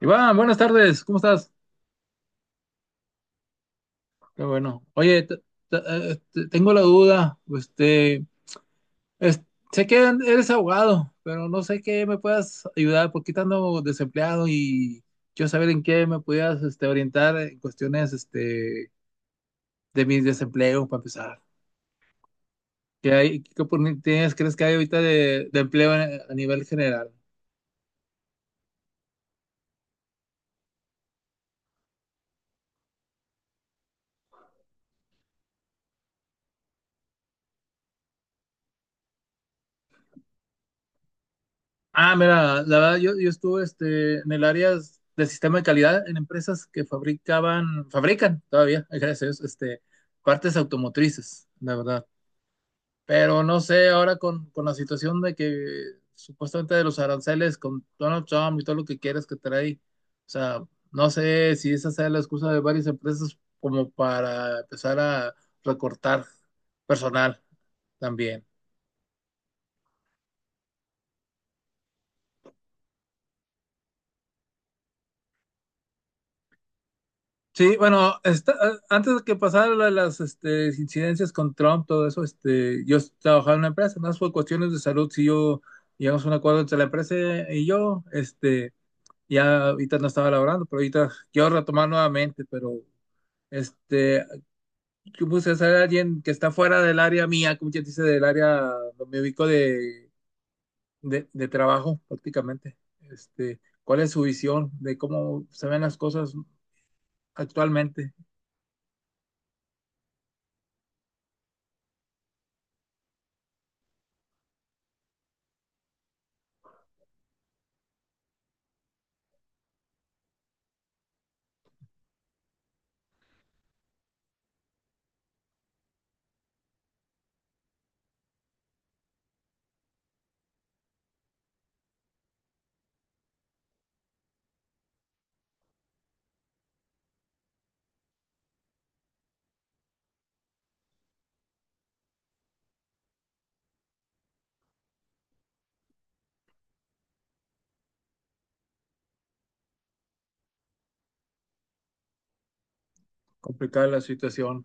Iván, buenas tardes, ¿cómo estás? Qué bueno. Oye, tengo la duda, es- sé que eres abogado, pero no sé qué me puedas ayudar, porque estando desempleado y quiero saber en qué me pudieras orientar en cuestiones de mi desempleo, para empezar. ¿Qué hay, qué oportunidades crees que hay ahorita de empleo a nivel general? Ah, mira, la verdad, yo estuve en el área de sistema de calidad en empresas que fabrican todavía, gracias a Dios, partes automotrices, la verdad. Pero no sé, ahora con la situación de que supuestamente de los aranceles con Donald Trump y todo lo que quieras que trae, o sea, no sé si esa sea la excusa de varias empresas como para empezar a recortar personal también. Sí, bueno, antes de que pasaran lo de las incidencias con Trump, todo eso, yo trabajaba en una empresa, más por cuestiones de salud, si yo llegamos a un acuerdo entre la empresa y yo, ya ahorita no estaba laborando, pero ahorita quiero retomar nuevamente, pero este, yo puse a ser alguien que está fuera del área mía, como quien dice, del área donde me ubico de trabajo prácticamente. ¿Cuál es su visión de cómo se ven las cosas actualmente? Complicada la situación.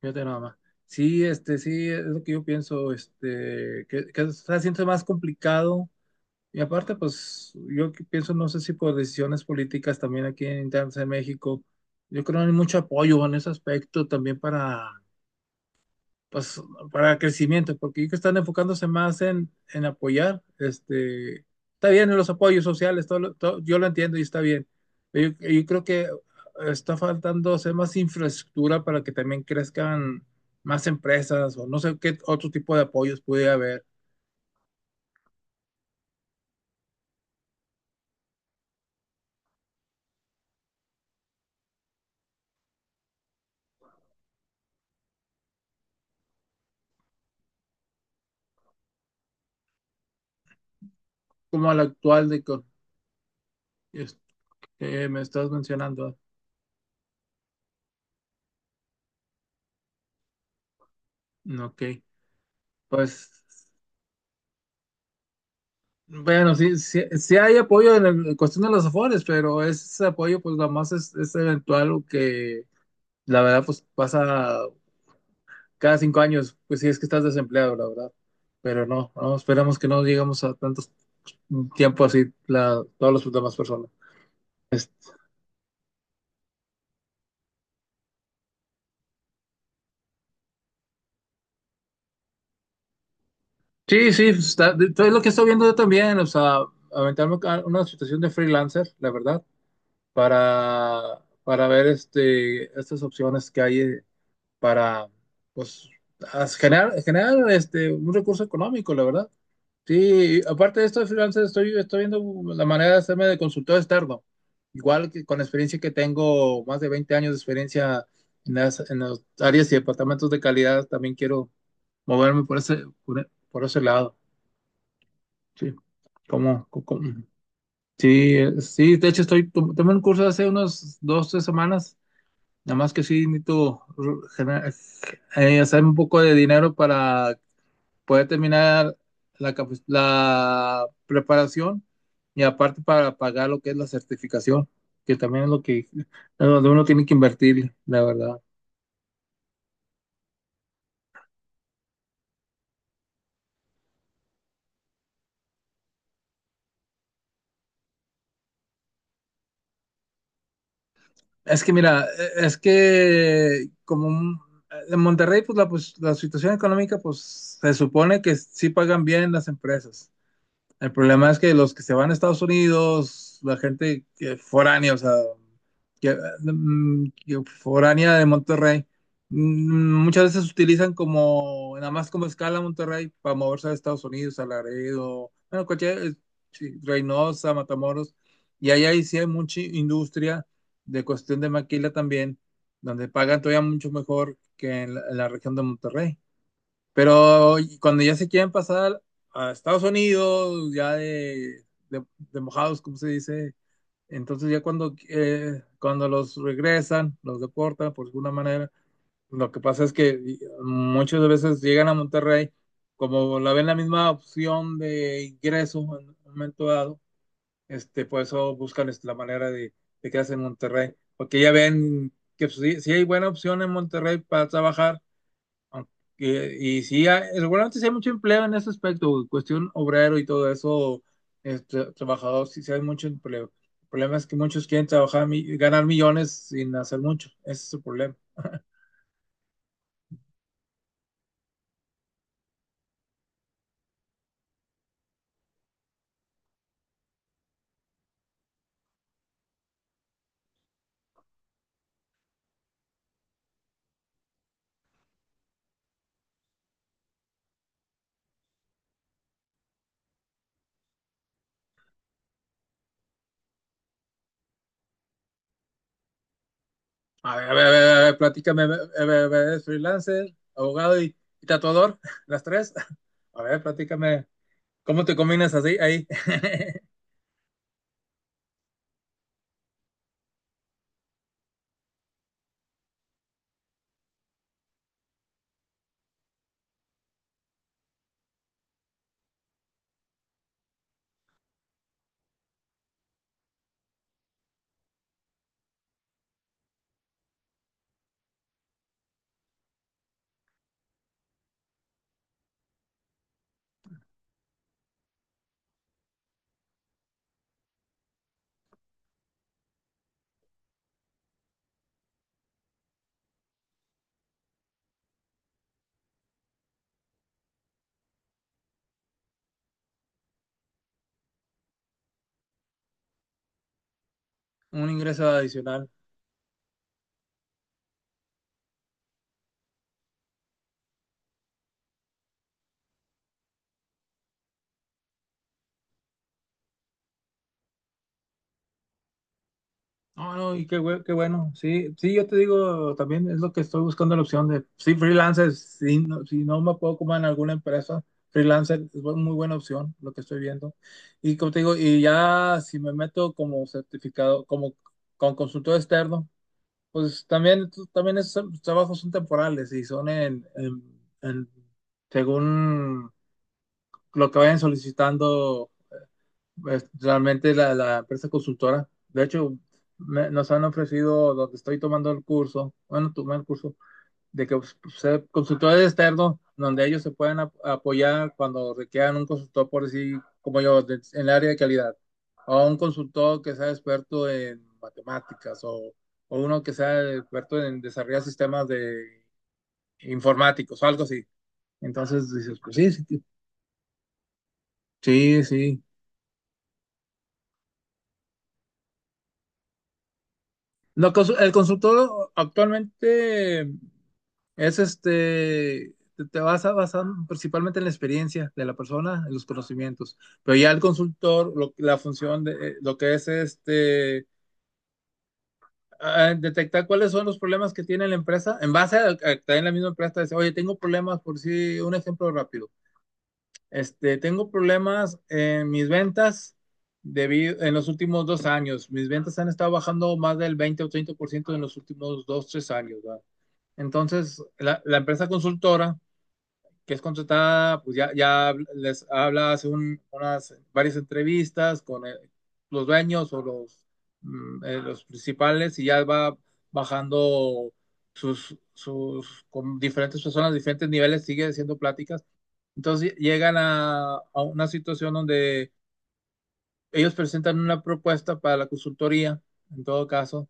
Fíjate nada más. Sí, sí, es lo que yo pienso, que está haciendo más complicado. Y aparte, pues, yo que pienso, no sé si por decisiones políticas también aquí en internas en México, yo creo que no hay mucho apoyo en ese aspecto también para pues, para crecimiento, porque yo que están enfocándose más en apoyar, está bien en los apoyos sociales, todo, yo lo entiendo y está bien, pero yo creo que está faltando hacer más infraestructura para que también crezcan más empresas o no sé qué otro tipo de apoyos pudiera haber, como el actual es- que me estás mencionando. ¿No? Ok, pues... Bueno, sí, sí, sí hay apoyo en, en cuestión de los afores, pero ese apoyo pues nada más es eventual o que la verdad, pues pasa cada 5 años, pues si es que estás desempleado, la verdad. Pero no, no, esperamos que no llegamos a tantos tiempo así, la, todas las demás personas. Es- sí, sí, pues, está, todo es lo que estoy viendo yo también, o sea, aventarme a una situación de freelancer, la verdad, para ver estas opciones que hay para, pues, generar un recurso económico, la verdad. Sí, y aparte de esto de freelancer, estoy viendo la manera de hacerme de consultor externo. Igual que con la experiencia que tengo, más de 20 años de experiencia en las áreas y departamentos de calidad, también quiero moverme por ese, por ese lado. Sí, como, co- como- sí, sí, de hecho tomé un curso hace unos 2, 3 semanas, nada más que sí necesito gener- hacer un poco de dinero para poder terminar la preparación y aparte para pagar lo que es la certificación, que también es lo que es donde uno tiene que invertir, la verdad. Es que mira, es que en Monterrey, pues pues la situación económica, pues se supone que sí pagan bien las empresas. El problema es que los que se van a Estados Unidos, la gente que foránea, o sea, que, que foránea de Monterrey, muchas veces utilizan como, nada más como escala Monterrey para moverse a Estados Unidos, a Laredo, bueno, cualquier, sí, Reynosa, Matamoros, ahí sí hay mucha industria de cuestión de maquila también, donde pagan todavía mucho mejor que en la región de Monterrey. Pero cuando ya se quieren pasar a Estados Unidos, ya de mojados, como se dice, entonces ya cuando, cuando los regresan, los deportan por alguna manera, lo que pasa es que muchas veces llegan a Monterrey, como la ven la misma opción de ingreso en un momento dado, por eso buscan la manera de quedarse en Monterrey, porque ya ven que si, si hay buena opción en Monterrey para trabajar, y sí, seguramente sí hay mucho empleo en ese aspecto, cuestión obrero y todo eso, trabajador, sí, sí hay mucho empleo. El problema es que muchos quieren trabajar, ganar millones sin hacer mucho, ese es el problema. A ver, a ver, a ver, a ver, platícame, a ver, a ver, a ver, ¿eres freelancer, abogado y tatuador, las tres? A ver, platícame, ¿cómo te combinas así ahí? Un ingreso adicional. No, no, y qué, qué bueno. Sí, sí, yo te digo, también es lo que estoy buscando la opción de, sí, freelancer, sí, si no me puedo como en alguna empresa, freelancer es muy buena opción, lo que estoy viendo. Y como te digo, y ya si me meto como certificado, como con consultor externo, pues también, también esos trabajos son temporales y son según lo que vayan solicitando pues, realmente la empresa consultora, de hecho, nos han ofrecido donde estoy tomando el curso, bueno, tomé el curso de que pues, pues, ser consultores externos, donde ellos se pueden apoyar cuando requieran un consultor, por decir, como yo, en el área de calidad, o un consultor que sea experto en matemáticas, o uno que sea experto en desarrollar sistemas de informáticos, o algo así. Entonces dices, pues sí, sí, sí, sí. El consultor actualmente es te vas a basar principalmente en la experiencia de la persona, en los conocimientos, pero ya el consultor, la función de lo que es ah, detectar cuáles son los problemas que tiene la empresa, en base también la misma empresa, dice, oye, tengo problemas por si, un ejemplo rápido. Tengo problemas en mis ventas debido, en los últimos 2 años. Mis ventas han estado bajando más del 20 o 30% en los últimos 2, 3 años, ¿verdad? Entonces, la empresa consultora que es contratada, pues ya les habla hace unas varias entrevistas con los dueños o los, los principales y ya va bajando con diferentes personas, diferentes niveles, sigue haciendo pláticas. Entonces llegan a una situación donde ellos presentan una propuesta para la consultoría, en todo caso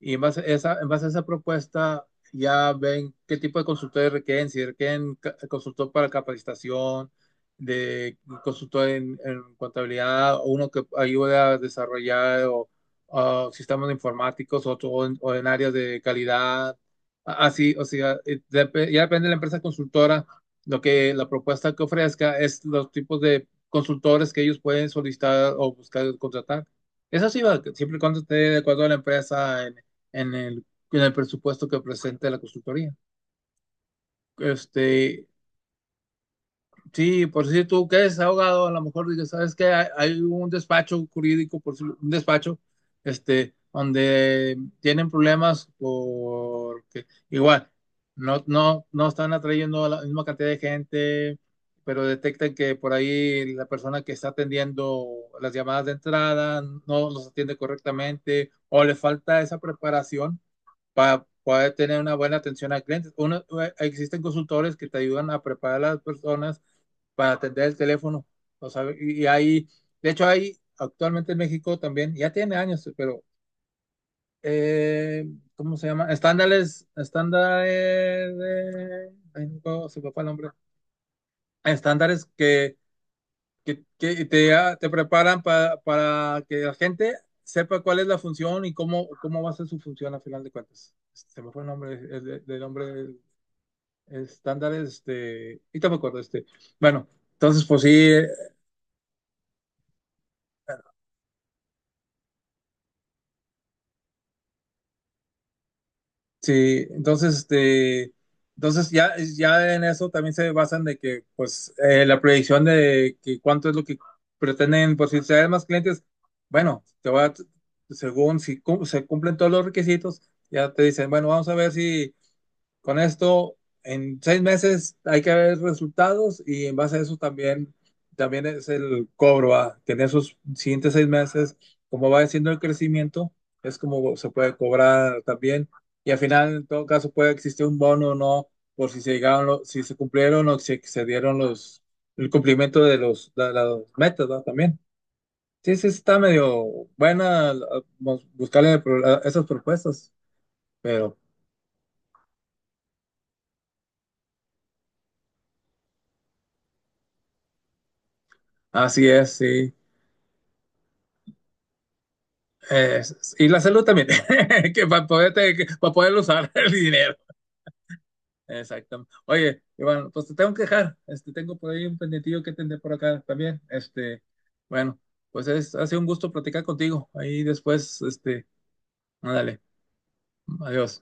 y en base a esa, en base a esa propuesta, ya ven qué tipo de consultores requieren, si requieren consultor para capacitación, de consultor en contabilidad, o uno que ayude a desarrollar o sistemas informáticos, otro o en áreas de calidad. Así, o sea, ya depende de la empresa consultora, lo que la propuesta que ofrezca es los tipos de consultores que ellos pueden solicitar o buscar contratar. Eso sí va, siempre y cuando esté de acuerdo a la empresa en el, en el presupuesto que presente la consultoría. Este, sí, por si tú quedes ahogado, a lo mejor dices, ¿sabes qué? Hay un despacho jurídico, por si- un despacho, donde tienen problemas porque igual no están atrayendo a la misma cantidad de gente, pero detectan que por ahí la persona que está atendiendo las llamadas de entrada no los atiende correctamente o le falta esa preparación para poder tener una buena atención a clientes. Uno, existen consultores que te ayudan a preparar a las personas para atender el teléfono. O sea, de hecho, hay actualmente en México también, ya tiene años, pero, eh, ¿cómo se llama? Estándares, de, ay, no se me fue el nombre. Estándares que te preparan para que la gente sepa cuál es la función cómo va a ser su función a final de cuentas. Se me fue el nombre, el nombre del estándares, y no me acuerdo, bueno, entonces pues sí, sí, entonces, entonces ya, ya en eso también se basan de que, pues, la proyección de que cuánto es lo que pretenden, por si traen más clientes, bueno, te va, según si se cumplen todos los requisitos, ya te dicen, bueno, vamos a ver si con esto, en 6 meses hay que ver resultados y en base a eso también, también es el cobro, a tener esos siguientes 6 meses, como va siendo el crecimiento, es como se puede cobrar también. Y al final, en todo caso, puede existir un bono o no, por si se llegaron, si se cumplieron o si excedieron el cumplimiento de las metas, ¿no? También. Sí, sí, está medio buena ah, buscarle a esas propuestas, pero así es, sí. Eh, y la salud también, que para poder usar el dinero. Exacto. Oye, Iván, pues te tengo que dejar. Este, tengo por ahí un pendientillo que atender por acá también. Este, bueno, pues es, ha sido un gusto platicar contigo. Ahí después, este, ándale, adiós.